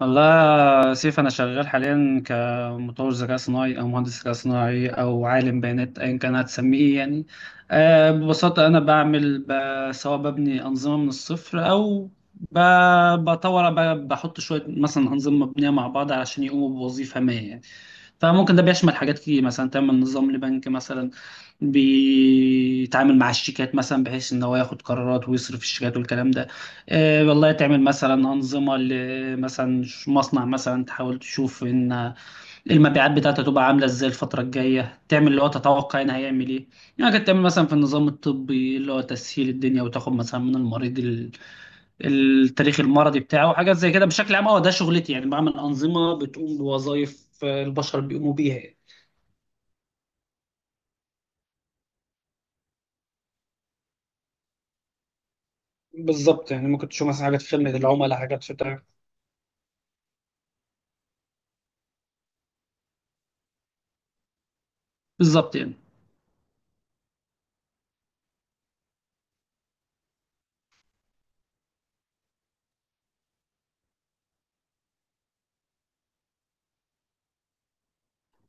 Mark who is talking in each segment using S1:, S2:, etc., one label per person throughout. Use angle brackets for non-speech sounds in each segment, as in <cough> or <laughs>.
S1: والله يا سيف، أنا شغال حاليا كمطور ذكاء صناعي أو مهندس ذكاء صناعي أو عالم بيانات أيا كان هتسميه إيه يعني. ببساطة أنا بعمل سواء ببني أنظمة من الصفر أو بطور، بحط شوية مثلا أنظمة مبنية مع بعض علشان يقوموا بوظيفة ما يعني. فممكن ده بيشمل حاجات كتير، مثلا تعمل نظام لبنك مثلا بيتعامل مع الشيكات، مثلا بحيث إن هو ياخد قرارات ويصرف الشيكات والكلام ده. والله تعمل مثلا أنظمة مثلا مصنع مثلا، تحاول تشوف إن المبيعات بتاعته تبقى عاملة إزاي الفترة الجاية، تعمل اللي هو تتوقع إن هيعمل إيه يعني. كنت تعمل مثلا في النظام الطبي، اللي هو تسهيل الدنيا وتاخد مثلا من المريض التاريخ المرضي بتاعه وحاجات زي كده. بشكل عام هو ده شغلتي يعني، بعمل أنظمة بتقوم بوظائف البشر بيقوموا بيها. بالظبط يعني، ممكن تشوف مثلا حاجات في خدمة العملاء، حاجات في بتاع. بالظبط يعني.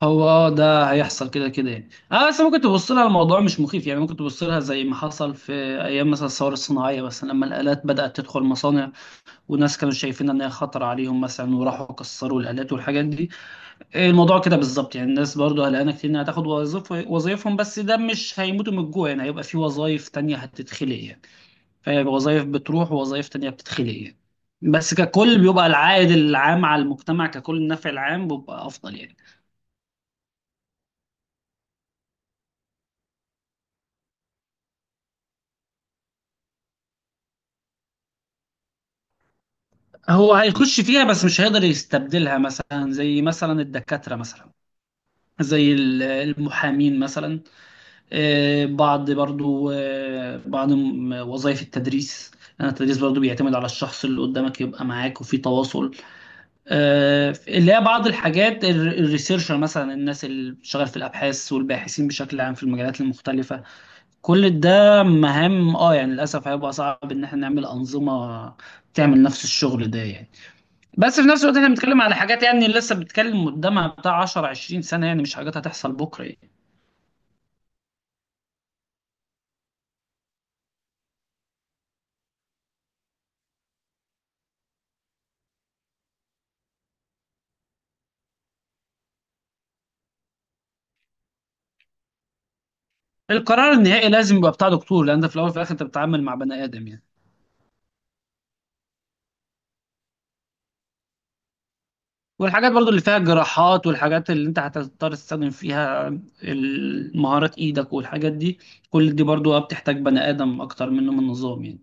S1: هو ده هيحصل كده كده يعني، بس ممكن تبص لها، الموضوع مش مخيف يعني، ممكن تبص لها زي ما حصل في ايام مثلا الثوره الصناعيه مثلا، لما الالات بدات تدخل مصانع وناس كانوا شايفين ان هي خطر عليهم مثلا وراحوا كسروا الالات والحاجات دي. الموضوع كده بالظبط يعني، الناس برضو قلقانه كتير انها تاخد وظيفهم، بس ده مش هيموتوا من الجوع يعني، هيبقى في وظايف تانية هتتخلق يعني. فهيبقى وظايف بتروح ووظايف تانية بتتخلق يعني. بس ككل بيبقى العائد العام على المجتمع ككل، النفع العام بيبقى افضل يعني. هو هيخش فيها بس مش هيقدر يستبدلها، مثلا زي مثلا الدكاترة مثلا، زي المحامين مثلا. بعض برضو، بعض وظائف التدريس، لأن التدريس برضو بيعتمد على الشخص اللي قدامك يبقى معاك وفي تواصل. اللي هي بعض الحاجات الريسيرشر مثلا، الناس اللي بتشتغل في الأبحاث والباحثين بشكل عام في المجالات المختلفة. كل ده مهام يعني للأسف هيبقى صعب إن احنا نعمل أنظمة تعمل نفس الشغل ده يعني. بس في نفس الوقت احنا بنتكلم على حاجات يعني لسه بنتكلم قدامها بتاع 10 20 سنه يعني، مش حاجات هتحصل بكره يعني. القرار النهائي لازم يبقى بتاع دكتور، لان انت في الاول وفي الاخر انت بتتعامل مع بني ادم يعني. والحاجات برضو اللي فيها جراحات والحاجات اللي انت هتضطر تستخدم فيها مهارات ايدك والحاجات دي، كل دي برضو بتحتاج بني ادم اكتر منه من نظام يعني.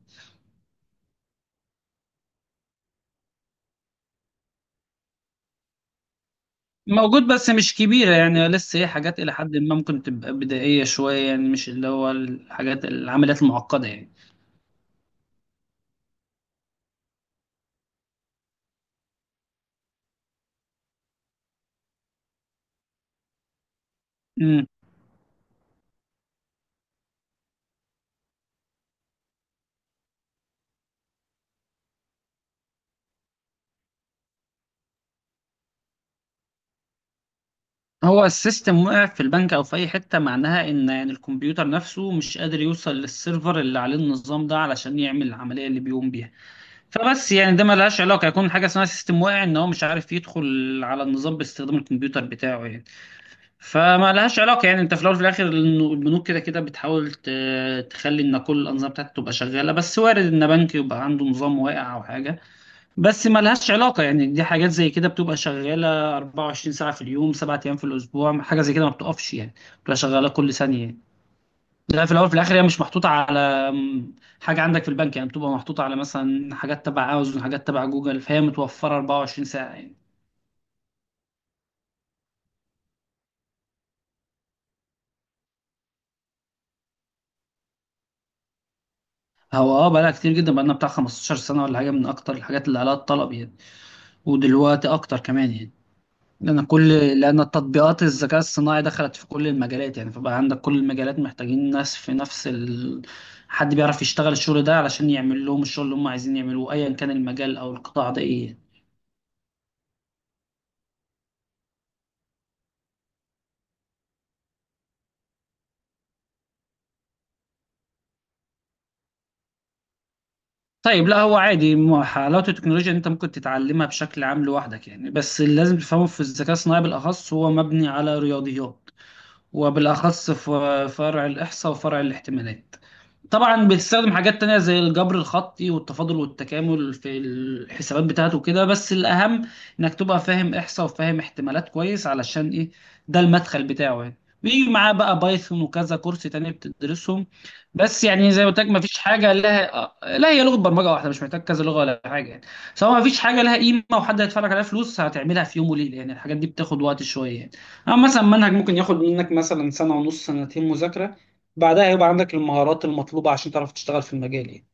S1: موجود بس مش كبيرة يعني، لسه هي حاجات إلى حد ما ممكن تبقى بدائية شوية يعني، مش اللي هو الحاجات العمليات المعقدة يعني. هو السيستم وقع في البنك او في اي حته، معناها ان يعني الكمبيوتر نفسه مش قادر يوصل للسيرفر اللي عليه النظام ده علشان يعمل العمليه اللي بيقوم بيها. فبس يعني ده ملهاش علاقه يكون حاجه اسمها سيستم واقع، ان هو مش عارف يدخل على النظام باستخدام الكمبيوتر بتاعه يعني. فما لهاش علاقه يعني، انت في الاول وفي الاخر البنوك كده كده بتحاول تخلي ان كل الانظمه بتاعتها تبقى شغاله، بس وارد ان بنك يبقى عنده نظام واقع او حاجه، بس ملهاش علاقة يعني. دي حاجات زي كده بتبقى شغالة 24 ساعة في اليوم، سبعة أيام في الأسبوع، حاجة زي كده ما بتقفش يعني، بتبقى شغالة كل ثانية يعني. لا، في الأول في الآخر هي مش محطوطة على حاجة عندك في البنك يعني، بتبقى محطوطة على مثلا حاجات تبع أمازون، حاجات تبع جوجل، فهي متوفرة 24 ساعة يعني. هو بقالها كتير جدا، بقالنا بتاع 15 سنة ولا حاجة، من أكتر الحاجات اللي عليها الطلب يعني. ودلوقتي أكتر كمان يعني. لأن كل لأن التطبيقات الذكاء الصناعي دخلت في كل المجالات يعني، فبقى عندك كل المجالات محتاجين ناس في نفس حد بيعرف يشتغل الشغل ده علشان يعمل لهم الشغل اللي هم عايزين يعملوه، أيا كان المجال أو القطاع ده إيه. طيب، لا هو عادي، حلاوة التكنولوجيا إن أنت ممكن تتعلمها بشكل عام لوحدك يعني، بس اللي لازم تفهمه في الذكاء الصناعي بالأخص هو مبني على رياضيات، وبالأخص في فرع الإحصاء وفرع الاحتمالات. طبعا بيستخدم حاجات تانية زي الجبر الخطي والتفاضل والتكامل في الحسابات بتاعته كده، بس الأهم إنك تبقى فاهم إحصاء وفاهم احتمالات كويس، علشان إيه؟ ده المدخل بتاعه يعني. بيجي معاه بقى بايثون وكذا كورس تاني بتدرسهم. بس يعني زي ما قلت لك، مفيش حاجة لها، لا هي لغة برمجة واحدة، مش محتاج كذا لغة ولا حاجة يعني. سواء مفيش حاجة لها قيمة وحد هيدفع لك عليها فلوس هتعملها في يوم وليلة يعني، الحاجات دي بتاخد وقت شوية يعني. أما مثلا منهج ممكن ياخد منك مثلا سنة ونص، سنتين مذاكرة، بعدها هيبقى عندك المهارات المطلوبة عشان تعرف تشتغل في المجال يعني.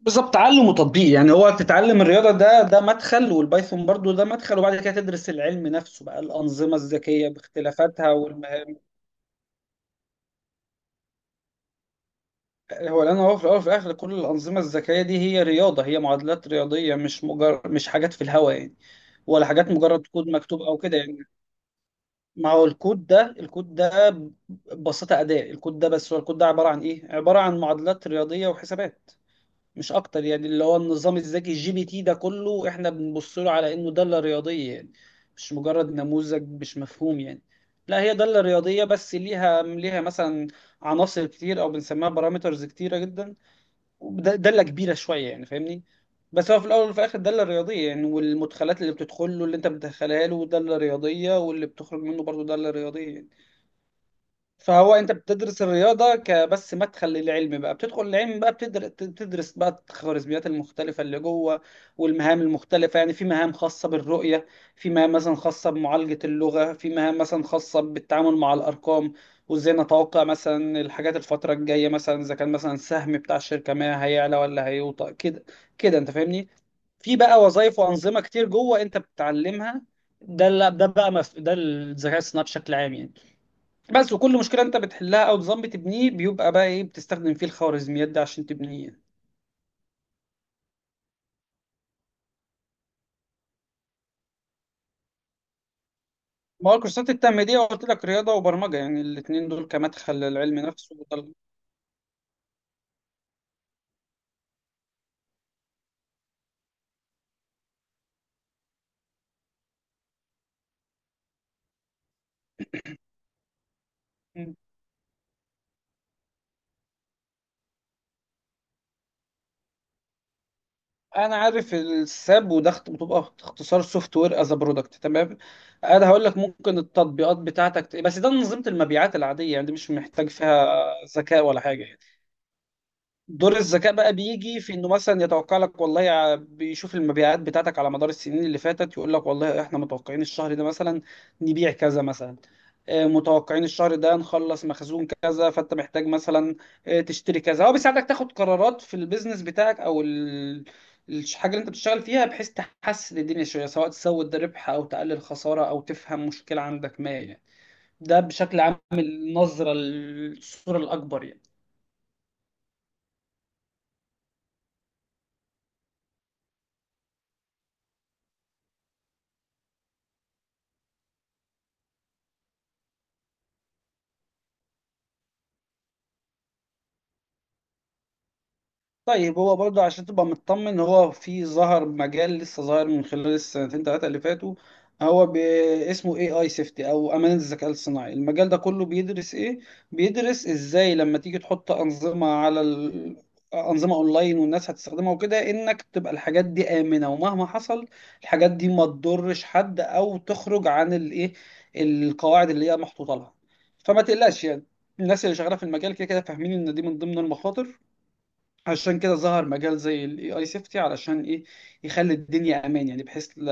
S1: بالظبط، تعلم وتطبيق يعني، هو تتعلم الرياضة ده مدخل، والبايثون برضو ده مدخل، وبعد كده تدرس العلم نفسه بقى، الأنظمة الذكية باختلافاتها والمهارات. هو لأن هو في الأول وفي الآخر كل الأنظمة الذكية دي هي رياضة، هي معادلات رياضية، مش مجرد مش حاجات في الهوا يعني، ولا حاجات مجرد كود مكتوب أو كده يعني. ما هو الكود ده، الكود ده ببساطة أداة، الكود ده بس هو الكود ده عبارة عن إيه؟ عبارة عن معادلات رياضية وحسابات، مش اكتر يعني. اللي هو النظام الذكي الجي بي تي ده كله احنا بنبص له على انه دالة رياضية يعني، مش مجرد نموذج مش مفهوم يعني. لا، هي دالة رياضية، بس ليها مثلا عناصر كتير او بنسميها بارامترز كتيرة جدا، دالة كبيرة شوية يعني، فاهمني؟ بس هو في الاول وفي الاخر دالة رياضية يعني، والمدخلات اللي بتدخله اللي انت بتدخلها له دالة رياضية، واللي بتخرج منه برضه دالة رياضية يعني. فهو انت بتدرس الرياضه كبس مدخل للعلم، بقى بتدخل العلم بقى، بتدرس بقى الخوارزميات المختلفه اللي جوه والمهام المختلفه يعني. في مهام خاصه بالرؤيه، في مهام مثلا خاصه بمعالجه اللغه، في مهام مثلا خاصه بالتعامل مع الارقام، وازاي نتوقع مثلا الحاجات الفتره الجايه، مثلا اذا كان مثلا السهم بتاع الشركه ما هيعلى ولا هيوطى كده، كده انت فاهمني. في بقى وظائف وانظمه كتير جوه انت بتتعلمها. ده ال- ده بقى مف... ده الذكاء الصناعي بشكل عام يعني. بس وكل مشكلة انت بتحلها او نظام بتبنيه بيبقى بقى ايه، بتستخدم فيه الخوارزميات دي عشان تبنيه. ما هو الكورسات التمهيدية قلت لك رياضة وبرمجة يعني، الاتنين دول كمدخل للعلم نفسه مم. انا عارف الساب، وده بتبقى اختصار سوفت وير از برودكت، تمام. انا هقول لك ممكن التطبيقات بتاعتك بس ده منظومة المبيعات العادية يعني، دي مش محتاج فيها ذكاء ولا حاجة يعني. دور الذكاء بقى بيجي في انه مثلا يتوقع لك، والله بيشوف المبيعات بتاعتك على مدار السنين اللي فاتت، يقول لك والله احنا متوقعين الشهر ده مثلا نبيع كذا مثلا. متوقعين الشهر ده نخلص مخزون كذا، فانت محتاج مثلا تشتري كذا. هو بيساعدك تاخد قرارات في البيزنس بتاعك او الحاجه اللي انت بتشتغل فيها، بحيث تحسن الدنيا شويه، سواء تزود الربح او تقلل خساره او تفهم مشكله عندك ما يعني. ده بشكل عام النظره، الصوره الاكبر يعني. طيب، هو برضه عشان تبقى مطمن، هو في ظهر مجال لسه ظاهر من خلال السنتين ثلاثة اللي فاتوا. هو ب- اسمه اي اي سيفتي، او امان الذكاء الصناعي. المجال ده كله بيدرس ايه؟ بيدرس ازاي لما تيجي تحط انظمة على انظمة اونلاين، والناس هتستخدمها وكده، انك تبقى الحاجات دي آمنة، ومهما حصل الحاجات دي ما تضرش حد او تخرج عن الايه، القواعد اللي هي محطوطة لها. فما تقلقش يعني، الناس اللي شغالة في المجال كده كده فاهمين ان دي من ضمن المخاطر. عشان كده ظهر مجال زي الاي اي سيفتي، علشان ايه؟ يخلي الدنيا امان يعني، بحيث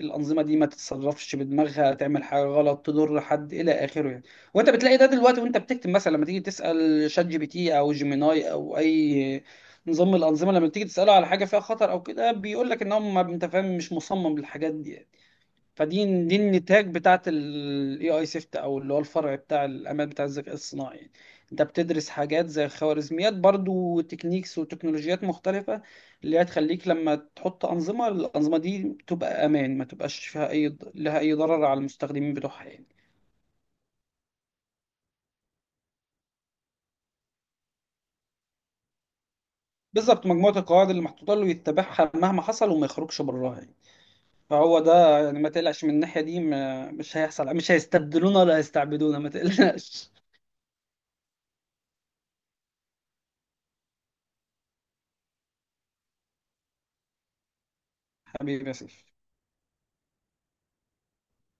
S1: الانظمه دي ما تتصرفش بدماغها تعمل حاجه غلط تضر حد الى اخره يعني. وانت بتلاقي ده دلوقتي، وانت بتكتب مثلا لما تيجي تسال شات جي بي تي او جيميناي او اي نظام من الانظمه، لما تيجي تساله على حاجه فيها خطر او كده بيقول لك ان هم انت فاهم مش مصمم للحاجات دي يعني. فدي النتاج بتاعت الاي اي سيفت، او اللي هو الفرع بتاع الامان بتاع الذكاء الصناعي يعني. انت بتدرس حاجات زي خوارزميات برضو، وتكنيكس وتكنولوجيات مختلفة، اللي هي تخليك لما تحط أنظمة الأنظمة دي تبقى أمان، ما تبقاش فيها أي ضرر على المستخدمين بتوعها يعني. بالظبط، مجموعة القواعد اللي محطوطة له يتبعها مهما حصل وما يخرجش براها يعني. فهو ده يعني ما تقلقش من الناحية دي، ما مش هيحصل، مش هيستبدلونا ولا هيستعبدونا، ما تقلقش. <laughs> حبيبي يا سيف.